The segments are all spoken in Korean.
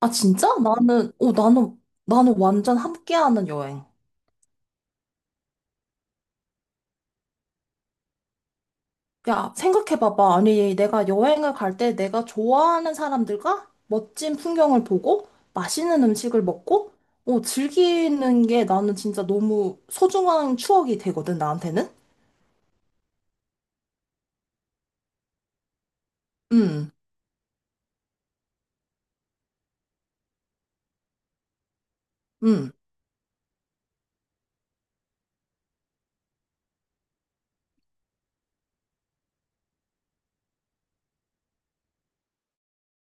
아, 진짜? 나는, 나는, 나는 완전 함께하는 여행. 야, 생각해봐봐. 아니, 내가 여행을 갈 때 내가 좋아하는 사람들과 멋진 풍경을 보고 맛있는 음식을 먹고, 즐기는 게 나는 진짜 너무 소중한 추억이 되거든, 나한테는? 응, 응,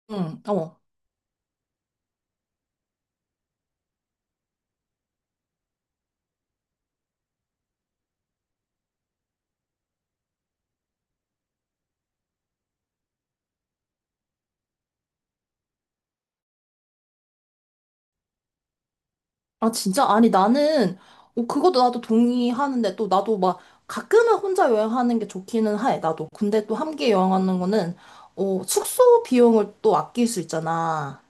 응, 어. 아, 진짜? 아니, 나는, 그것도 나도 동의하는데, 또 나도 막, 가끔은 혼자 여행하는 게 좋기는 해, 나도. 근데 또 함께 여행하는 거는, 숙소 비용을 또 아낄 수 있잖아.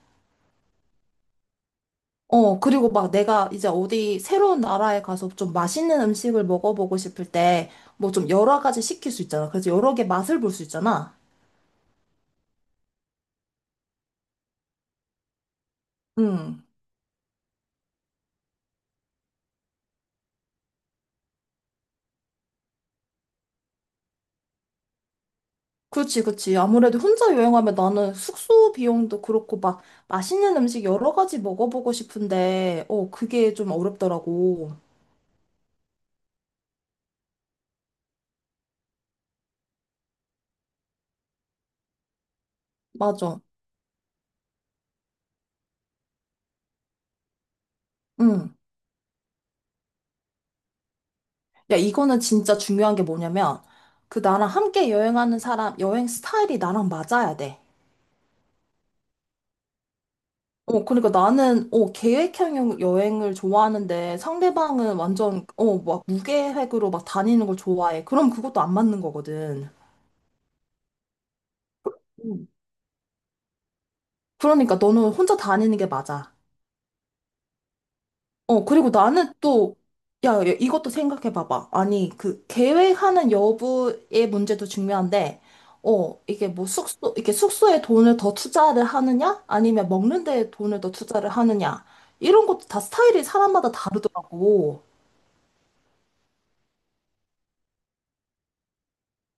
그리고 막 내가 이제 어디 새로운 나라에 가서 좀 맛있는 음식을 먹어보고 싶을 때, 뭐 좀 여러 가지 시킬 수 있잖아. 그래서 여러 개 맛을 볼 수 있잖아. 응. 그치, 그치. 아무래도 혼자 여행하면 나는 숙소 비용도 그렇고 막 맛있는 음식 여러 가지 먹어보고 싶은데, 그게 좀 어렵더라고. 맞아. 응. 야, 이거는 진짜 중요한 게 뭐냐면, 그 나랑 함께 여행하는 사람, 여행 스타일이 나랑 맞아야 돼. 그러니까 나는, 계획형 여행을 좋아하는데 상대방은 완전, 막 무계획으로 막 다니는 걸 좋아해. 그럼 그것도 안 맞는 거거든. 음. 그러니까 너는 혼자 다니는 게 맞아. 그리고 나는 또, 야, 야, 이것도 생각해봐봐. 아니, 그, 계획하는 여부의 문제도 중요한데, 이게 뭐 숙소, 이게 숙소에 돈을 더 투자를 하느냐? 아니면 먹는 데에 돈을 더 투자를 하느냐? 이런 것도 다 스타일이 사람마다 다르더라고.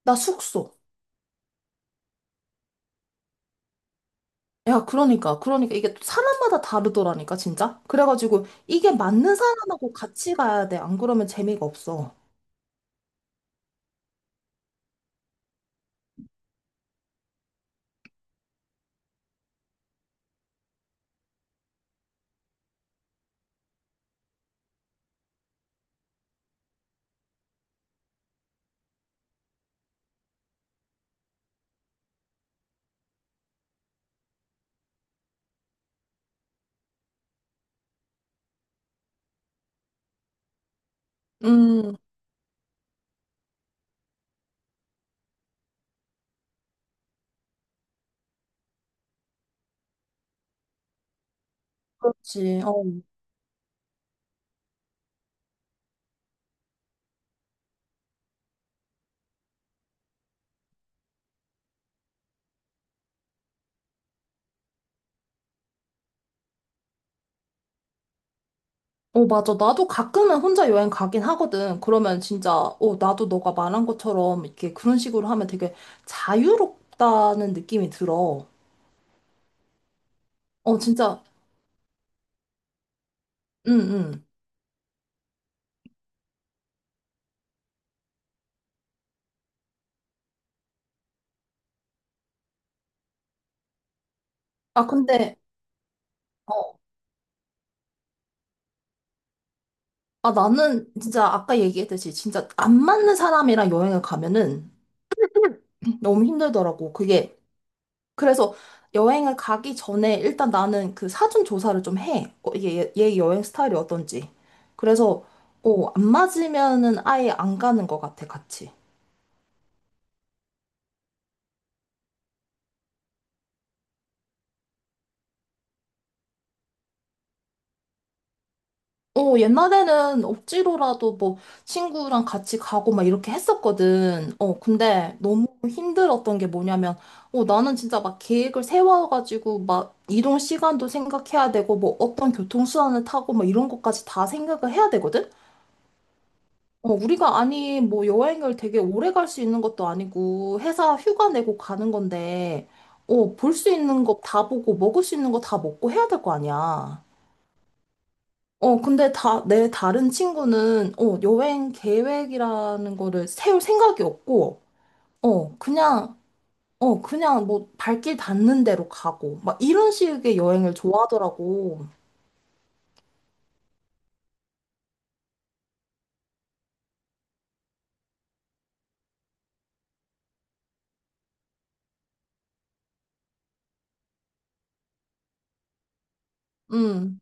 나 숙소. 야, 그러니까, 그러니까 이게 또 사람마다 다르더라니까, 진짜? 그래가지고, 이게 맞는 사람하고 같이 가야 돼. 안 그러면 재미가 없어. 음, 그렇지. 어. 어, 맞아. 나도 가끔은 혼자 여행 가긴 하거든. 그러면 진짜, 나도 너가 말한 것처럼 이렇게 그런 식으로 하면 되게 자유롭다는 느낌이 들어. 어, 진짜, 응, 응. 아, 근데, 어, 아, 나는 진짜 아까 얘기했듯이 진짜 안 맞는 사람이랑 여행을 가면은 너무 힘들더라고. 그게, 그래서 여행을 가기 전에 일단 나는 그 사전 조사를 좀 해. 이게 얘, 얘 여행 스타일이 어떤지. 그래서, 안 맞으면은 아예 안 가는 것 같아, 같이. 옛날에는 억지로라도 뭐 친구랑 같이 가고 막 이렇게 했었거든. 근데 너무 힘들었던 게 뭐냐면, 나는 진짜 막 계획을 세워가지고 막 이동 시간도 생각해야 되고 뭐 어떤 교통수단을 타고 막 이런 것까지 다 생각을 해야 되거든? 우리가 아니 뭐 여행을 되게 오래 갈 수 있는 것도 아니고 회사 휴가 내고 가는 건데, 볼 수 있는 거 다 보고 먹을 수 있는 거 다 먹고 해야 될 거 아니야. 근데 다, 내 다른 친구는, 여행 계획이라는 거를 세울 생각이 없고, 그냥, 그냥 뭐 발길 닿는 대로 가고, 막 이런 식의 여행을 좋아하더라고. 음.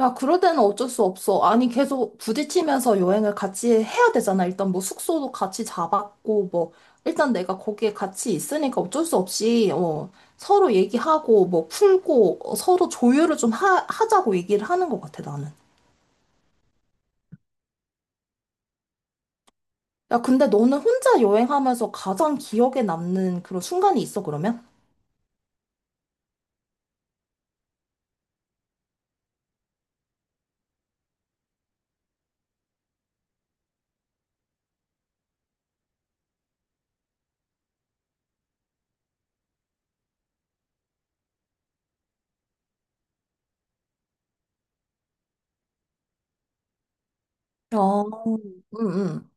야, 그럴 때는 어쩔 수 없어. 아니, 계속 부딪히면서 여행을 같이 해야 되잖아. 일단 뭐 숙소도 같이 잡았고, 뭐, 일단 내가 거기에 같이 있으니까 어쩔 수 없이, 서로 얘기하고, 뭐 풀고, 서로 조율을 좀 하, 하자고 얘기를 하는 것 같아, 나는. 야, 근데 너는 혼자 여행하면서 가장 기억에 남는 그런 순간이 있어, 그러면? 어, 응, 응.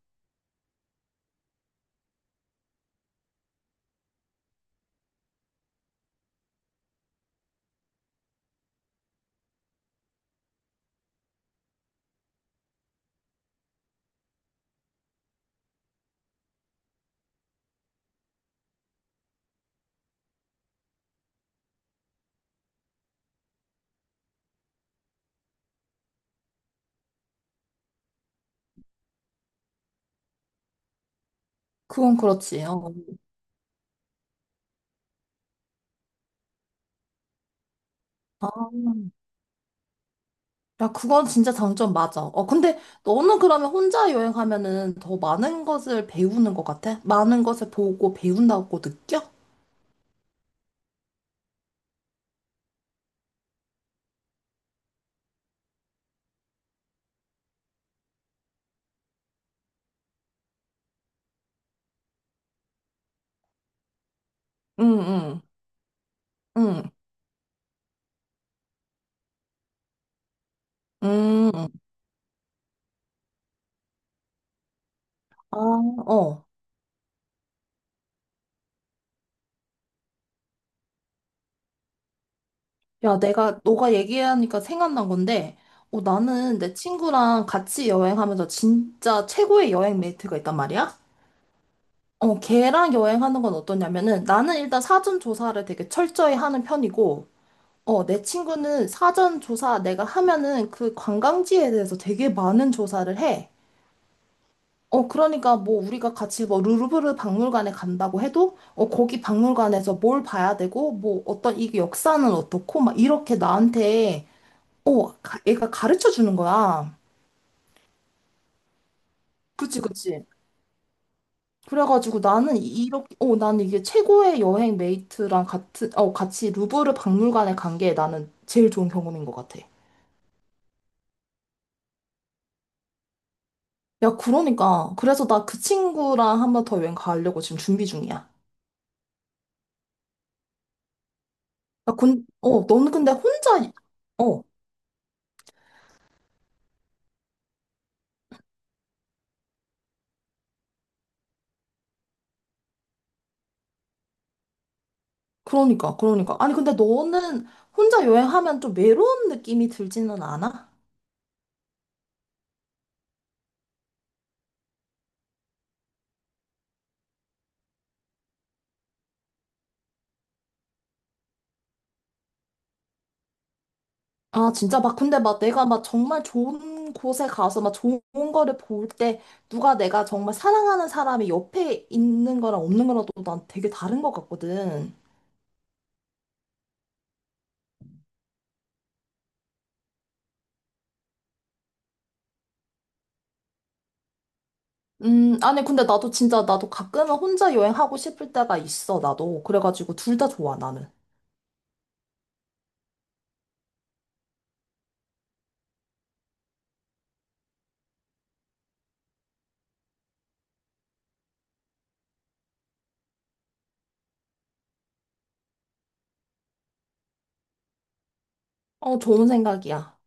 그건 그렇지. 어. 야, 그건 진짜 장점 맞아. 근데 너는 그러면 혼자 여행하면은 더 많은 것을 배우는 것 같아? 많은 것을 보고 배운다고 느껴? 응, 응, 응, 응. 아, 어. 야, 내가, 너가 얘기하니까 생각난 건데, 나는 내 친구랑 같이 여행하면서 진짜 최고의 여행 메이트가 있단 말이야? 걔랑 여행하는 건 어떠냐면은 나는 일단 사전 조사를 되게 철저히 하는 편이고, 내 친구는 사전 조사 내가 하면은 그 관광지에 대해서 되게 많은 조사를 해. 그러니까 뭐 우리가 같이 뭐 루브르 박물관에 간다고 해도, 거기 박물관에서 뭘 봐야 되고, 뭐 어떤 이 역사는 어떻고, 막 이렇게 나한테, 가- 얘가 가르쳐 주는 거야. 그치, 그치. 그래가지고 나는 이렇게, 나는 이게 최고의 여행 메이트랑 같은, 같이 루브르 박물관에 간 게 나는 제일 좋은 경험인 것 같아. 야, 그러니까. 그래서 나 그 친구랑 한번 더 여행 가려고 지금 준비 중이야. 야, 근, 너는 근데 혼자, 이- 어, 그러니까, 그러니까. 아니, 근데 너는 혼자 여행하면 좀 외로운 느낌이 들지는 않아? 아, 진짜 막, 근데 막 내가 막 정말 좋은 곳에 가서 막 좋은 거를 볼 때, 누가 내가 정말 사랑하는 사람이 옆에 있는 거랑 없는 거랑 또 난 되게 다른 것 같거든. 아니, 근데 나도 진짜, 나도 가끔은 혼자 여행하고 싶을 때가 있어, 나도. 그래가지고 둘 다 좋아, 나는. 어, 좋은 생각이야.